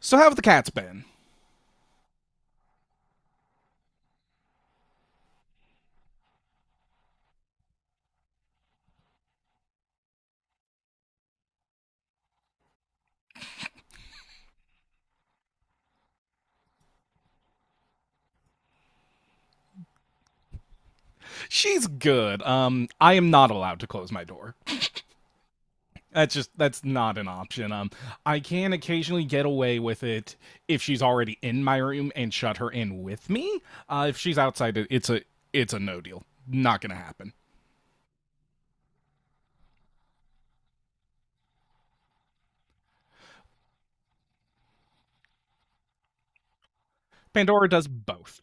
So how have the cats been? She's good. I am not allowed to close my door. That's not an option. I can occasionally get away with it if she's already in my room and shut her in with me. If she's outside, it's a no deal. Not gonna happen. Pandora does both.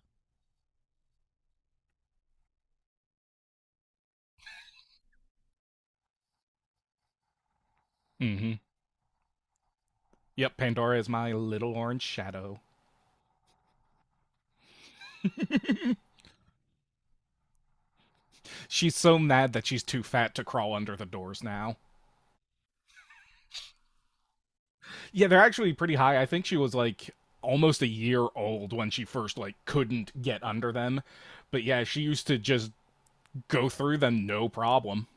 Mm-hmm. Yep, Pandora is my little orange shadow. She's so mad that she's too fat to crawl under the doors now. Yeah, they're actually pretty high. I think she was like almost a year old when she first like couldn't get under them. But yeah, she used to just go through them no problem.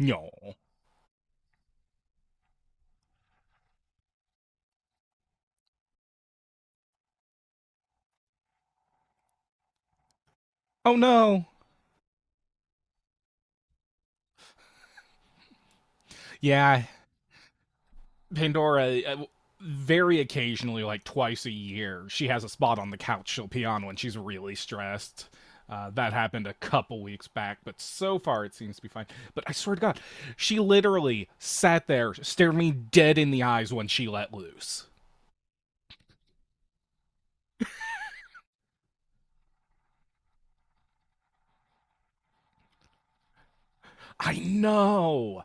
No. Oh no. Yeah, Pandora very occasionally like twice a year, she has a spot on the couch she'll pee on when she's really stressed. That happened a couple weeks back, but so far it seems to be fine. But I swear to God, she literally sat there, stared me dead in the eyes when she let loose. I know.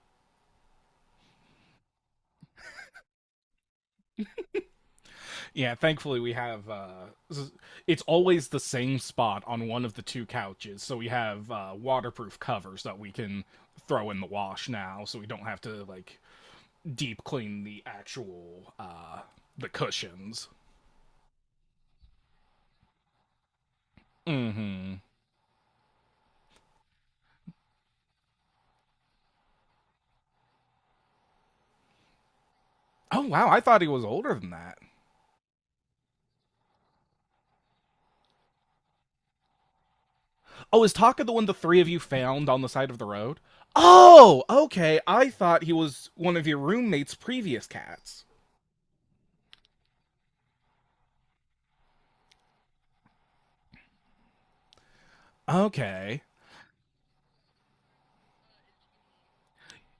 Yeah, thankfully we have. It's always the same spot on one of the two couches, so we have waterproof covers that we can throw in the wash now, so we don't have to like deep clean the actual the cushions. Mm-hmm. Oh wow, I thought he was older than that. Oh, is Taka the one the three of you found on the side of the road? Oh, okay. I thought he was one of your roommate's previous cats. Okay.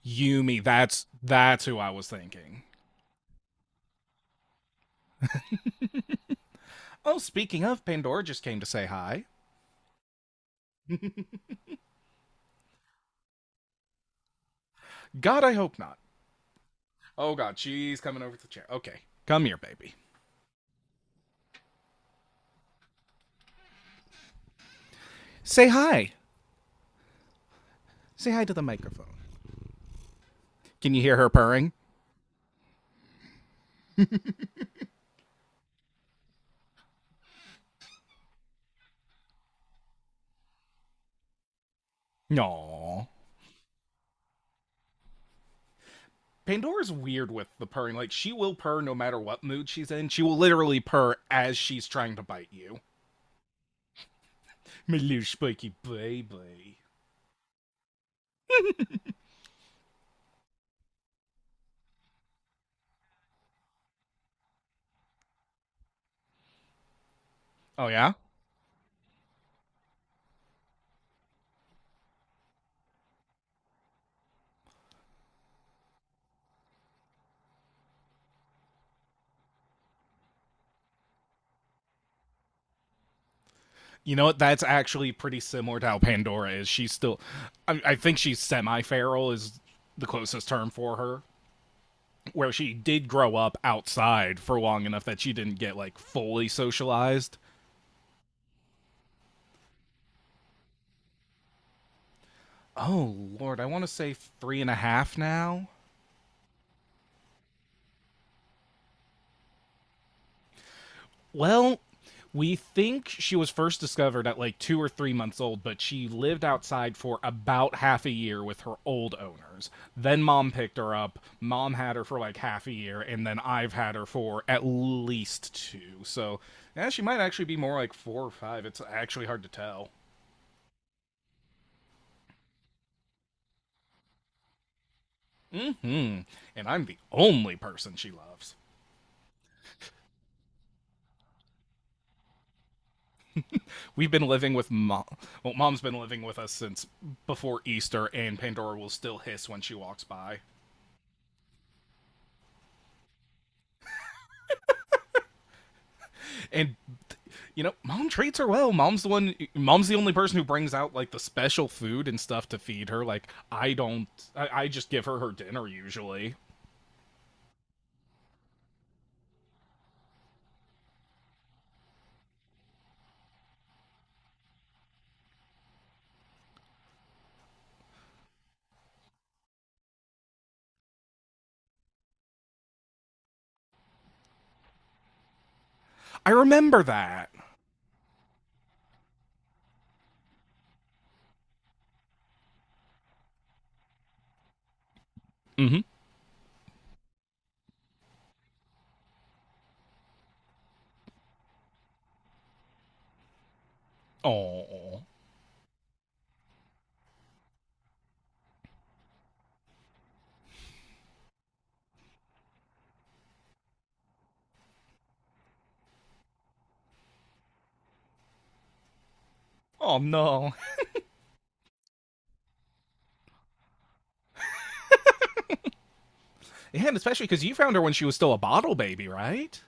Yumi. That's who I was thinking. Oh, speaking of, Pandora just came to say hi. God, I hope not. Oh God, she's coming over to the chair. Okay, come here, baby. Say hi. Say hi to the microphone. Can you hear her purring? No. Pandora's weird with the purring. Like she will purr no matter what mood she's in. She will literally purr as she's trying to bite you. My little spiky baby. Oh yeah. You know what? That's actually pretty similar to how Pandora is. She's still, I think she's semi feral, is the closest term for her, where she did grow up outside for long enough that she didn't get like fully socialized. Oh, Lord, I want to say three and a half now. Well, we think she was first discovered at like 2 or 3 months old, but she lived outside for about half a year with her old owners. Then mom picked her up. Mom had her for like half a year, and then I've had her for at least two. So, yeah, she might actually be more like four or five. It's actually hard to tell. Mm-hmm. And I'm the only person she loves. We've been living with mom. Well, mom's been living with us since before Easter, and Pandora will still hiss when she walks by. And you know, mom treats her well. Mom's the one. Mom's the only person who brings out like the special food and stuff to feed her. Like I don't. I just give her her dinner usually. I remember that. Mm-hmm. Oh. Oh no. Yeah, and especially because you found her when she was still a bottle baby, right?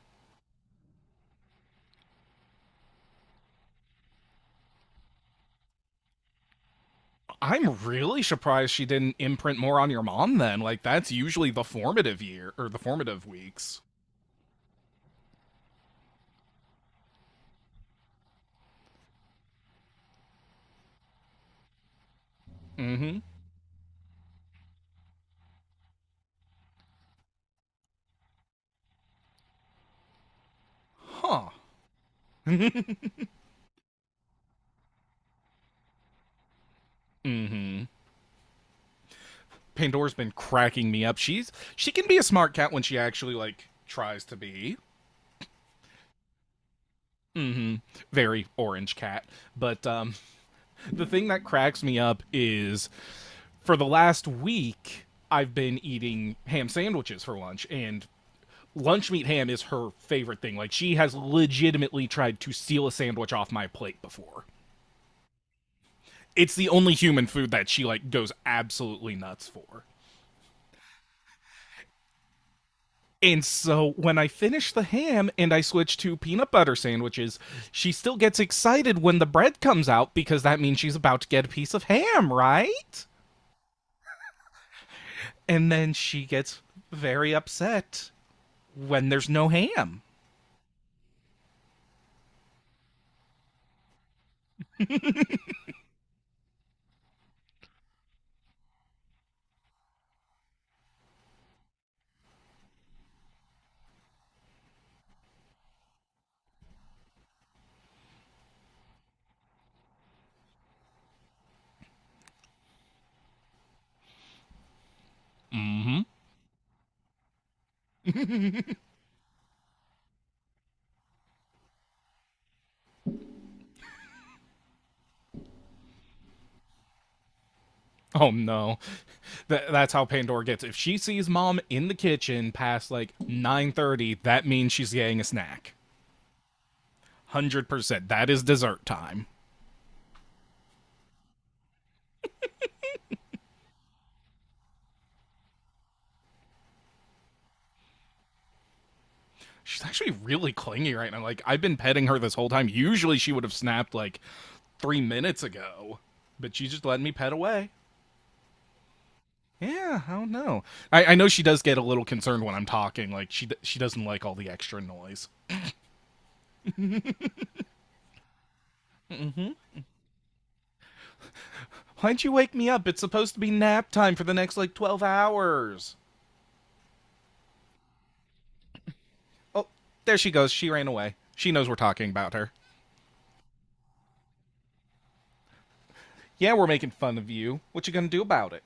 I'm really surprised she didn't imprint more on your mom then. Like that's usually the formative year or the formative weeks. Mm-hmm. Huh. Mm-hmm. Pandora's been cracking me up. She can be a smart cat when she actually like tries to be. Mm-hmm. Very orange cat. But the thing that cracks me up is for the last week I've been eating ham sandwiches for lunch and lunch meat ham is her favorite thing. Like she has legitimately tried to steal a sandwich off my plate before. It's the only human food that she like goes absolutely nuts for. And so when I finish the ham and I switch to peanut butter sandwiches, she still gets excited when the bread comes out because that means she's about to get a piece of ham, right? And then she gets very upset when there's no ham. Oh no. That's how Pandora gets. If she sees mom in the kitchen past like 9:30, that means she's getting a snack. 100%. That is dessert time. She's actually really clingy right now. Like I've been petting her this whole time. Usually she would have snapped like 3 minutes ago, but she's just letting me pet away. Yeah, I don't know. I know she does get a little concerned when I'm talking. Like she doesn't like all the extra noise. Why'd you wake me up? It's supposed to be nap time for the next like 12 hours. Oh, there she goes. She ran away. She knows we're talking about her. Yeah, we're making fun of you. What you gonna do about it?